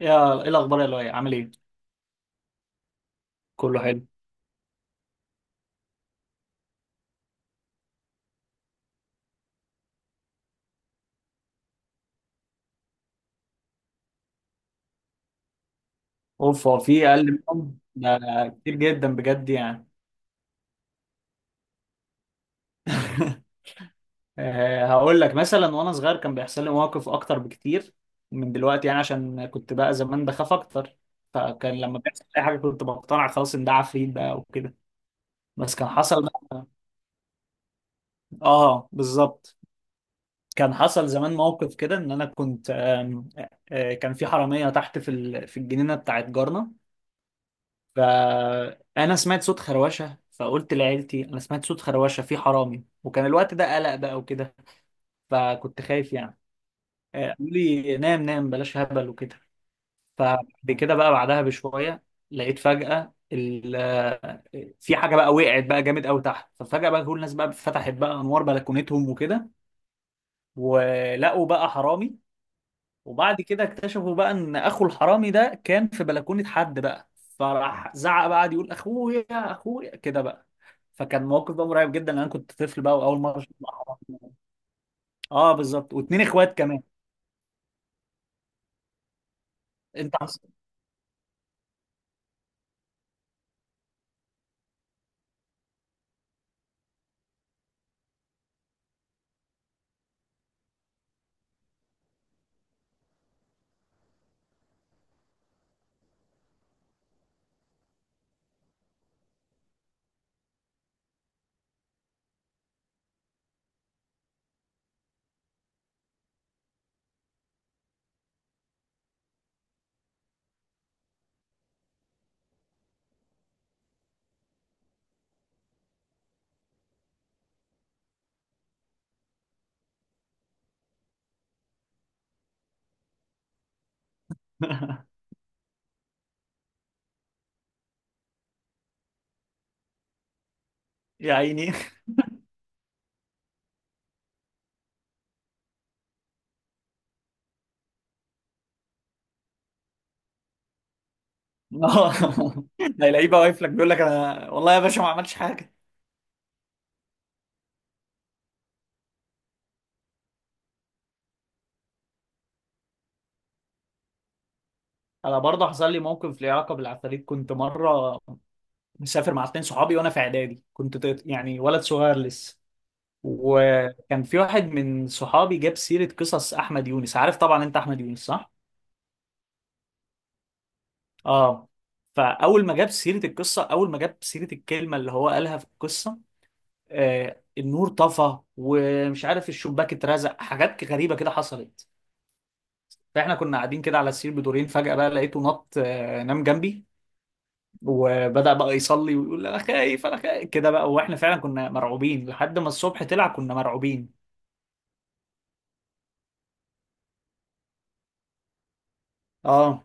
يا ايه الاخبار يا لؤي، عامل ايه؟ كله حلو. اوف، هو في اقل منهم ده كتير جدا بجد يعني. هقول لك مثلا وانا صغير كان بيحصل لي مواقف اكتر بكتير من دلوقتي يعني، عشان كنت بقى زمان بخاف اكتر. فكان لما بيحصل اي حاجه كنت بقتنع خلاص ان ده عفريت بقى وكده. بس كان حصل بقى. اه بالظبط. كان حصل زمان موقف كده، ان انا كنت. آم، آه، كان في حراميه تحت في في الجنينه بتاعت جارنا. فانا سمعت صوت خروشه، فقلت لعيلتي انا سمعت صوت خروشه، في حرامي، وكان الوقت ده قلق بقى وكده. فكنت خايف يعني. قالوا لي نام نام بلاش هبل وكده. فبعد كده بقى بعدها بشويه، لقيت فجاه في حاجه بقى وقعت بقى جامد قوي تحت. ففجاه بقى كل الناس بقى فتحت بقى انوار بلكونتهم وكده، ولقوا بقى حرامي. وبعد كده اكتشفوا بقى ان اخو الحرامي ده كان في بلكونة حد بقى، فراح زعق بقى، قعد يقول: اخويا، اخويا، كده بقى. فكان موقف بقى مرعب جدا، انا كنت طفل بقى واول مره اشوف أحرام. اه بالظبط، واتنين اخوات كمان. انت عص- يا عيني. اه، هيلاقيه بقى واقف لك، بيقول لك: انا والله يا باشا ما عملتش حاجه. انا برضه حصل لي موقف ليه علاقه بالعفاريت. كنت مره مسافر مع اتنين صحابي وانا في اعدادي، كنت يعني ولد صغير لسه. وكان في واحد من صحابي جاب سيرة قصص أحمد يونس. عارف طبعا أنت أحمد يونس، صح؟ آه فأول ما جاب سيرة القصة أول ما جاب سيرة الكلمة اللي هو قالها في القصة، النور طفى، ومش عارف الشباك اترزق، حاجات غريبة كده حصلت. فإحنا كنا قاعدين كده على السرير بدورين، فجأة بقى لقيته نط آه نام جنبي، وبدأ بقى يصلي ويقول: أنا خايف، أنا خايف، كده بقى. وإحنا فعلا كنا مرعوبين لحد ما الصبح طلع، كنا مرعوبين. آه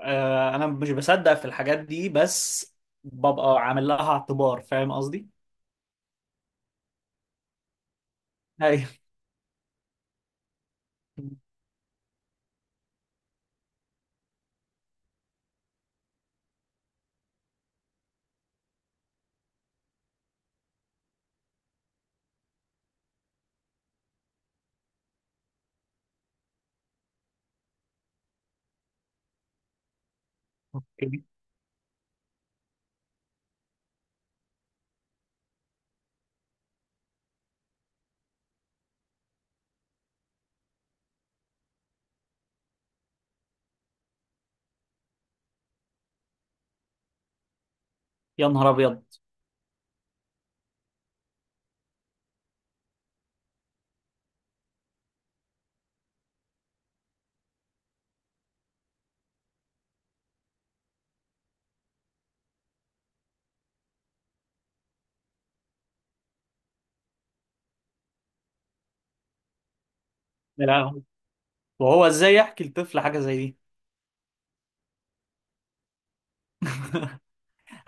انا مش بصدق في الحاجات دي، بس ببقى عامل لها اعتبار، فاهم قصدي. ايوه. أوكي. يا نهار ابيض. يا لهوي. وهو ازاي يحكي لطفل حاجه زي دي؟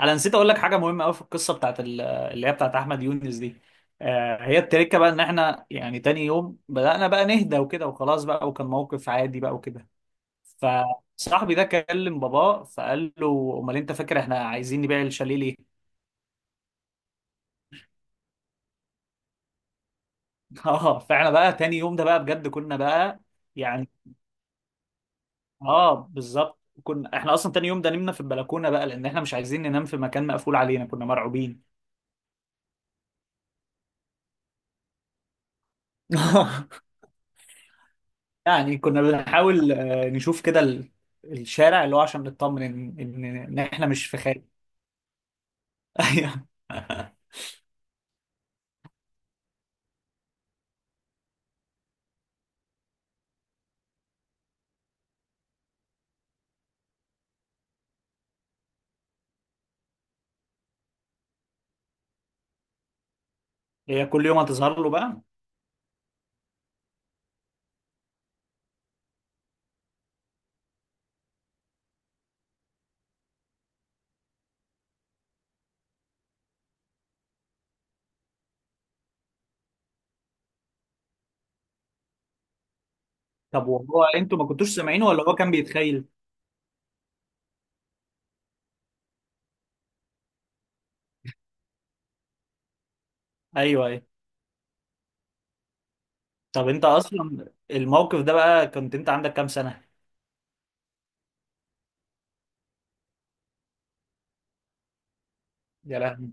انا نسيت اقول لك حاجه مهمه قوي في القصه بتاعت اللي هي بتاعت احمد يونس دي. هي التركه بقى ان احنا يعني تاني يوم بدانا بقى نهدى وكده وخلاص بقى، وكان موقف عادي بقى وكده. فصاحبي ده كلم باباه، فقال له: امال انت فاكر احنا عايزين نبيع الشاليه ليه؟ اه، فاحنا بقى تاني يوم ده بقى بجد كنا بقى يعني. اه بالظبط، كنا احنا اصلا تاني يوم ده نمنا في البلكونه بقى، لان احنا مش عايزين ننام في مكان مقفول علينا، كنا مرعوبين. يعني كنا بنحاول نشوف كده الشارع، اللي هو عشان نطمن ان ان إن احنا مش في خارج. أيوه. هي كل يوم هتظهر له بقى. طب وهو انتوا ما كنتوش سامعينه، ولا هو كان بيتخيل؟ ايوه ايوه. طب انت اصلا الموقف ده بقى، كنت انت عندك كام سنه؟ يا لهوي.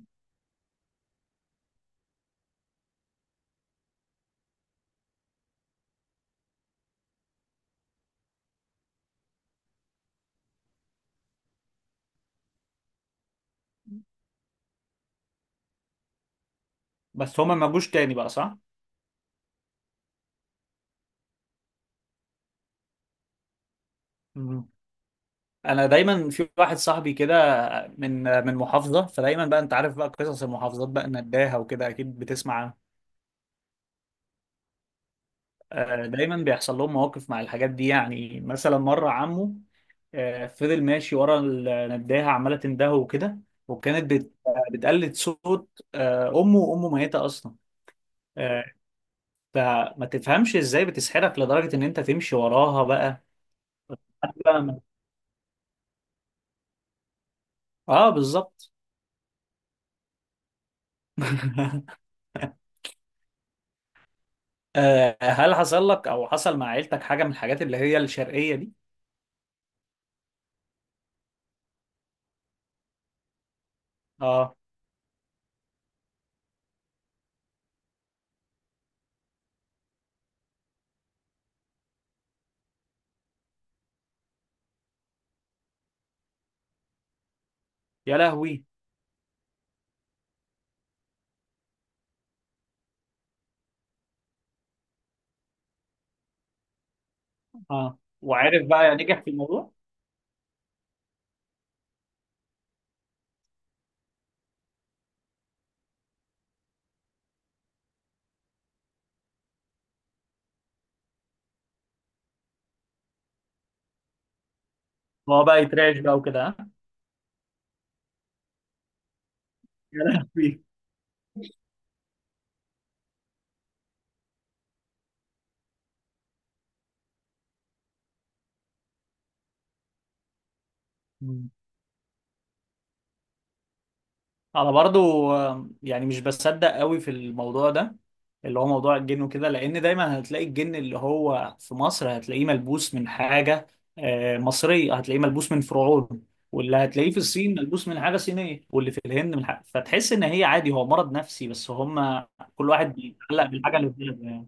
بس هما ما جوش تاني بقى، صح؟ انا دايما في واحد صاحبي كده من محافظه، فدايما بقى انت عارف بقى قصص المحافظات بقى نداها وكده، اكيد بتسمع. دايما بيحصل لهم مواقف مع الحاجات دي يعني، مثلا مره عمه فضل ماشي ورا النداهه، عماله تندهه وكده، وكانت بتقلد صوت امه، وامه ميته اصلا. آه، فما تفهمش ازاي بتسحرك لدرجه ان انت تمشي وراها بقى. قبل ما- اه بالظبط. هل حصل لك او حصل مع عيلتك حاجه من الحاجات اللي هي الشرقيه دي؟ اه. يا لهوي. اه، وعارف بقى نجح في الموضوع؟ هو بقى يترعش بقى وكده، ها؟ يا لهوي. انا برضو يعني مش بصدق قوي في الموضوع ده، اللي هو موضوع الجن وكده، لان دايما هتلاقي الجن اللي هو في مصر هتلاقيه ملبوس من حاجة مصرية، هتلاقيه ملبوس من فرعون، واللي هتلاقيه في الصين ملبوس من حاجة صينية، واللي في الهند من حاجة. فتحس ان هي عادي، هو مرض نفسي، بس هم كل واحد بيتعلق بالحاجة اللي في دماغه يعني.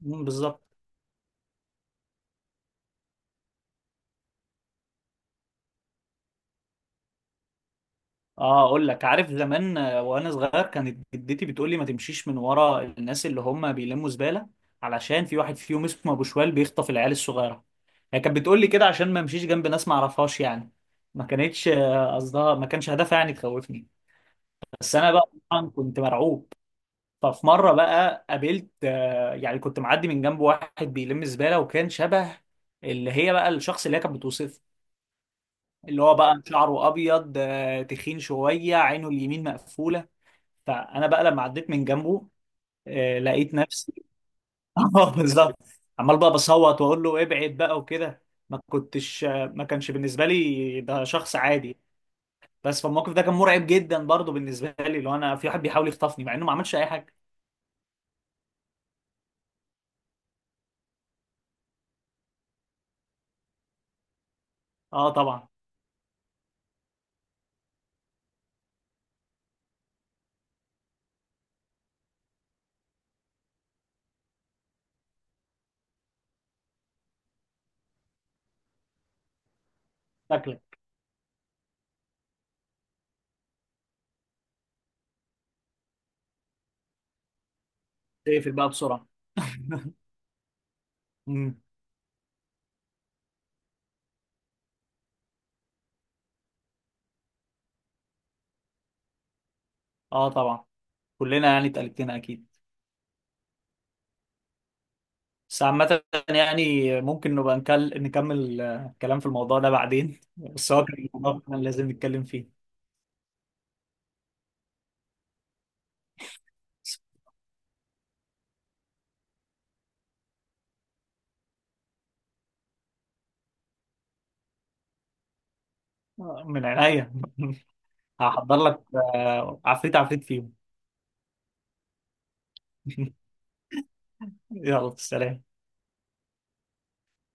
مم، بالظبط. اه، اقول لك، عارف زمان وانا صغير، كانت جدتي بتقول لي ما تمشيش من ورا الناس اللي هم بيلموا زباله، علشان في واحد فيهم اسمه ابو شوال بيخطف العيال الصغيره. هي كانت بتقول لي كده عشان ما امشيش جنب ناس ما اعرفهاش يعني. ما كانتش آه، قصدها ما كانش هدفها يعني تخوفني. بس انا بقى طبعا كنت مرعوب. ففي مره بقى قابلت آه، يعني كنت معدي من جنب واحد بيلم زباله، وكان شبه اللي هي بقى الشخص اللي هي كانت بتوصفه، اللي هو بقى شعره ابيض، تخين شويه، عينه اليمين مقفوله. فانا بقى لما عديت من جنبه، لقيت نفسي. اه بالظبط. عمال بقى بصوت واقول له ابعد بقى وكده. ما كنتش آه، ما كانش بالنسبه لي ده شخص عادي. بس فالموقف ده كان مرعب جدا برضه بالنسبه لي، لو انا في واحد بيحاول يخطفني، مع انه ما عملش اي حاجه. اه طبعا. شكلك. تقفل بقى بسرعه. مم. اه طبعا، كلنا يعني اتقلبتنا اكيد. بس عامة يعني، ممكن نبقى نكمل كلام في الموضوع ده بعدين بس هو كان الموضوع كان لازم نتكلم فيه. من عينيا. هحضر لك عفريت عفريت فيهم. يلا سلام.